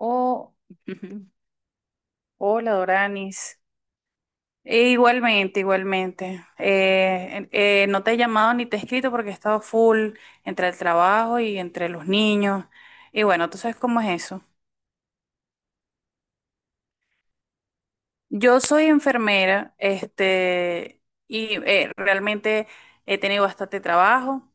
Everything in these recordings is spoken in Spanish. Oh, hola Doranis. E igualmente, igualmente. No te he llamado ni te he escrito porque he estado full entre el trabajo y entre los niños. Y bueno, tú sabes cómo es eso. Yo soy enfermera, este, y realmente he tenido bastante trabajo.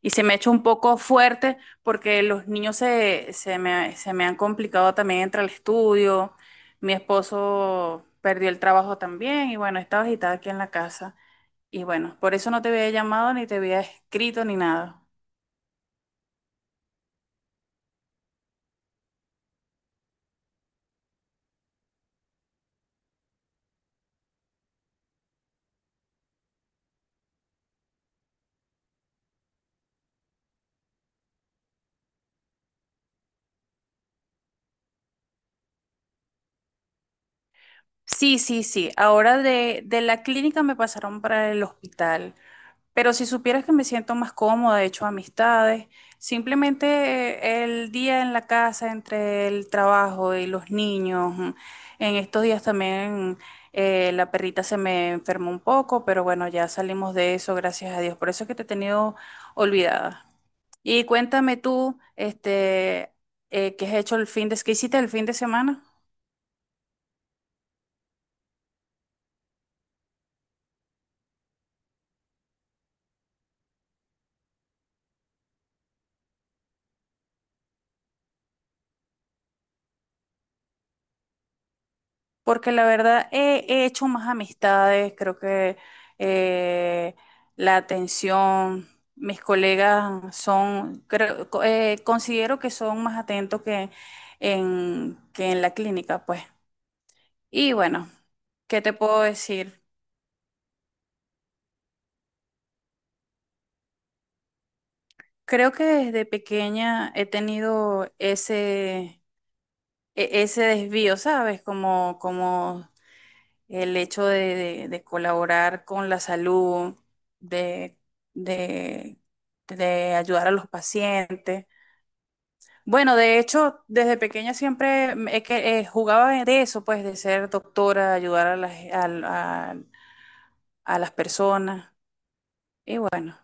Y se me ha hecho un poco fuerte porque los niños se me han complicado también entre el estudio. Mi esposo perdió el trabajo también y bueno, estaba agitada aquí en la casa. Y bueno, por eso no te había llamado ni te había escrito ni nada. Sí, sí, sí. Ahora de la clínica me pasaron para el hospital. Pero si supieras que me siento más cómoda, he hecho amistades, simplemente el día en la casa entre el trabajo y los niños, en estos días también la perrita se me enfermó un poco, pero bueno, ya salimos de eso, gracias a Dios. Por eso es que te he tenido olvidada. Y cuéntame tú, este, ¿qué has hecho el fin qué hiciste el fin de semana? Porque la verdad he hecho más amistades, creo que eh, la atención, mis colegas son, creo, considero que son más atentos que que en la clínica, pues. Y bueno, ¿qué te puedo decir? Creo que desde pequeña he tenido ese desvío, ¿sabes? Como, como el hecho de colaborar con la salud, de, de, de ayudar a los pacientes. Bueno, de hecho, desde pequeña siempre que, jugaba de eso, pues, de ser doctora, ayudar a a las personas. Y bueno.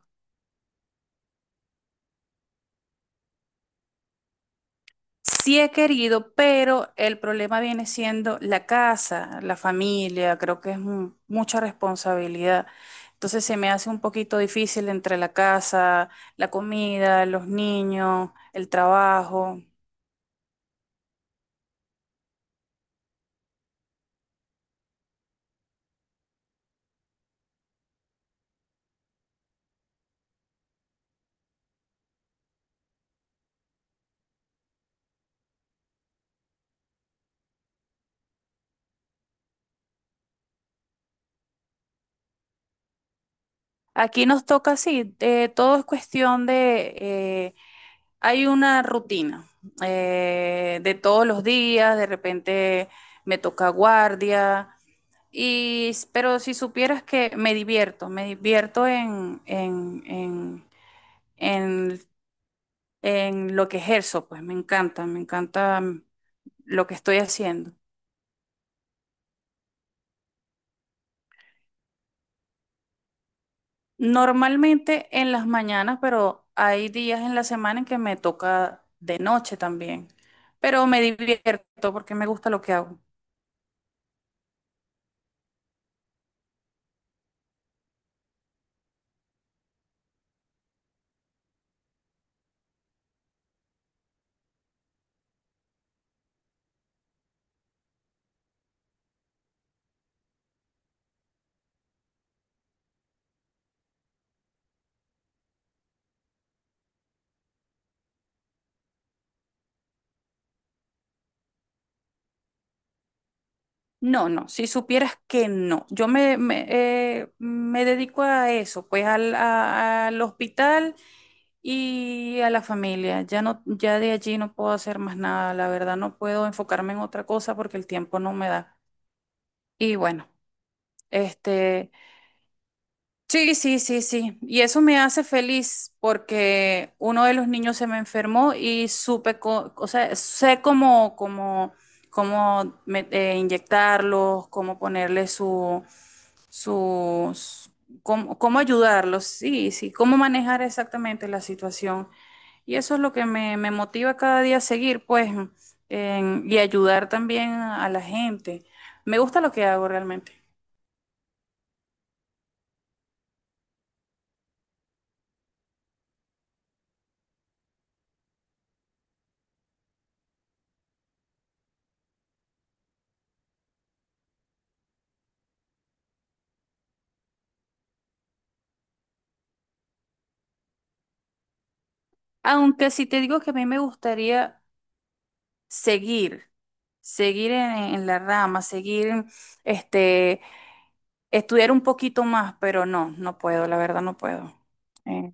Sí he querido, pero el problema viene siendo la casa, la familia, creo que es mucha responsabilidad. Entonces se me hace un poquito difícil entre la casa, la comida, los niños, el trabajo. Aquí nos toca así, todo es cuestión de hay una rutina de todos los días, de repente me toca guardia. Pero si supieras que me divierto en, en lo que ejerzo, pues me encanta, me encanta, lo que estoy haciendo. Normalmente en las mañanas, pero hay días en la semana en que me toca de noche también. Pero me divierto porque me gusta lo que hago. No, no, si supieras que no. Yo me dedico a eso, pues al hospital y a la familia. Ya no, ya de allí no puedo hacer más nada, la verdad no puedo enfocarme en otra cosa porque el tiempo no me da. Y bueno, este, sí, sí, sí, sí. Y eso me hace feliz porque uno de los niños se me enfermó y supe, o sea, sé cómo inyectarlos, cómo ponerle sus, cómo, cómo ayudarlos, sí, sí, cómo manejar exactamente la situación. Y eso es lo que me motiva cada día a seguir, pues, y ayudar también a la gente. Me gusta lo que hago realmente. Aunque si te digo que a mí me gustaría seguir, seguir en la rama, seguir, este, estudiar un poquito más, pero no, no puedo, la verdad no puedo. Eh,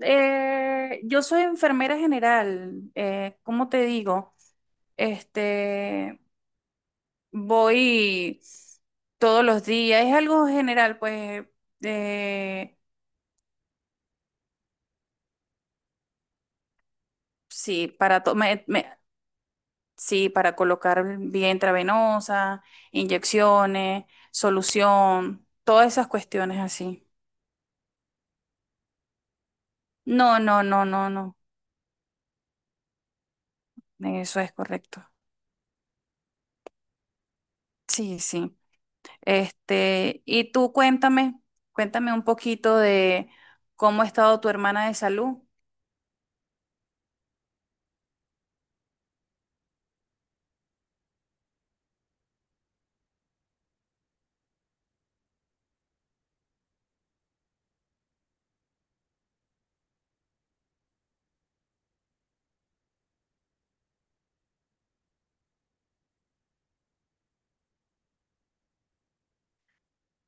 Yo soy enfermera general, ¿cómo te digo? Este, voy todos los días, es algo general, pues, eh, sí, para sí, para colocar vía intravenosa, inyecciones, solución, todas esas cuestiones así. No, no, no, no, no, eso es correcto. Sí, sí. Este, y tú cuéntame, cuéntame un poquito de cómo ha estado tu hermana de salud.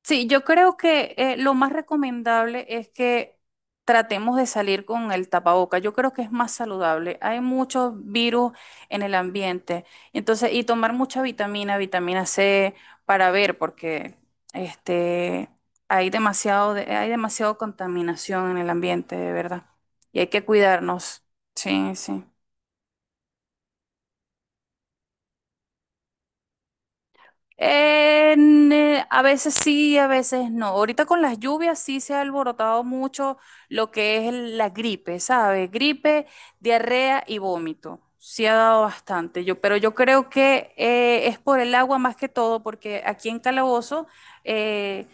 Sí, yo creo que lo más recomendable es que tratemos de salir con el tapaboca. Yo creo que es más saludable. Hay muchos virus en el ambiente. Entonces, y tomar mucha vitamina, vitamina C para ver, porque este, hay demasiado, hay demasiado contaminación en el ambiente, de verdad. Y hay que cuidarnos. Sí, sí. A veces sí, a veces no. Ahorita con las lluvias sí se ha alborotado mucho lo que es la gripe, ¿sabes? Gripe, diarrea y vómito. Sí ha dado bastante, yo, pero yo creo que es por el agua más que todo, porque aquí en Calabozo eh,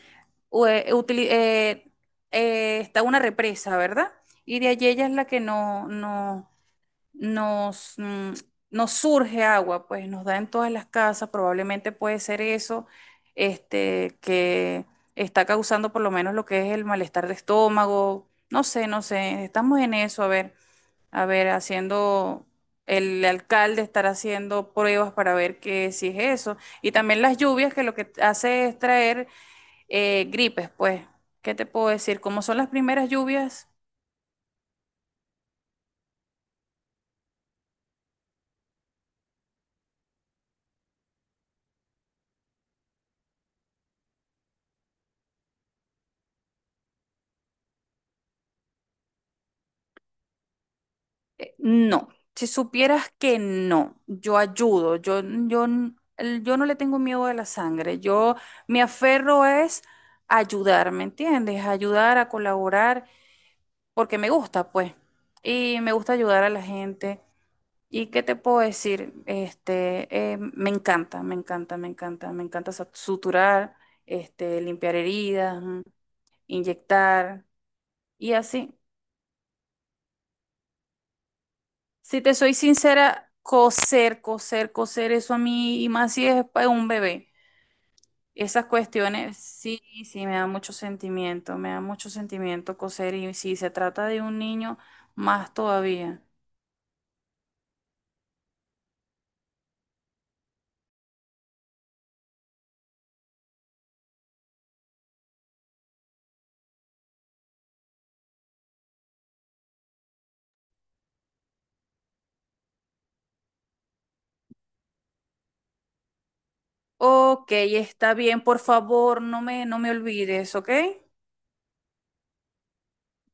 u- eh, utili- eh, está una represa, ¿verdad? Y de allí ella es la que no nos, nos surge agua, pues nos da en todas las casas, probablemente puede ser eso, este, que está causando por lo menos lo que es el malestar de estómago, no sé, no sé, estamos en eso, a ver, haciendo, el alcalde estará haciendo pruebas para ver que si es eso, y también las lluvias que lo que hace es traer gripes, pues, ¿qué te puedo decir? Como son las primeras lluvias. No, si supieras que no, yo ayudo, yo no le tengo miedo a la sangre, yo me aferro es a ayudar, ¿me entiendes? A ayudar, a colaborar, porque me gusta, pues, y me gusta ayudar a la gente. ¿Y qué te puedo decir? Este, me encanta, me encanta, me encanta, me encanta suturar, este, limpiar heridas, inyectar y así. Si te soy sincera, coser, coser, coser, eso a mí, y más si es para un bebé. Esas cuestiones, sí, sí, me da mucho sentimiento, me da mucho sentimiento coser, y si se trata de un niño, más todavía. Ok, está bien, por favor, no me, no me olvides, ¿ok?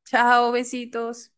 Chao, besitos.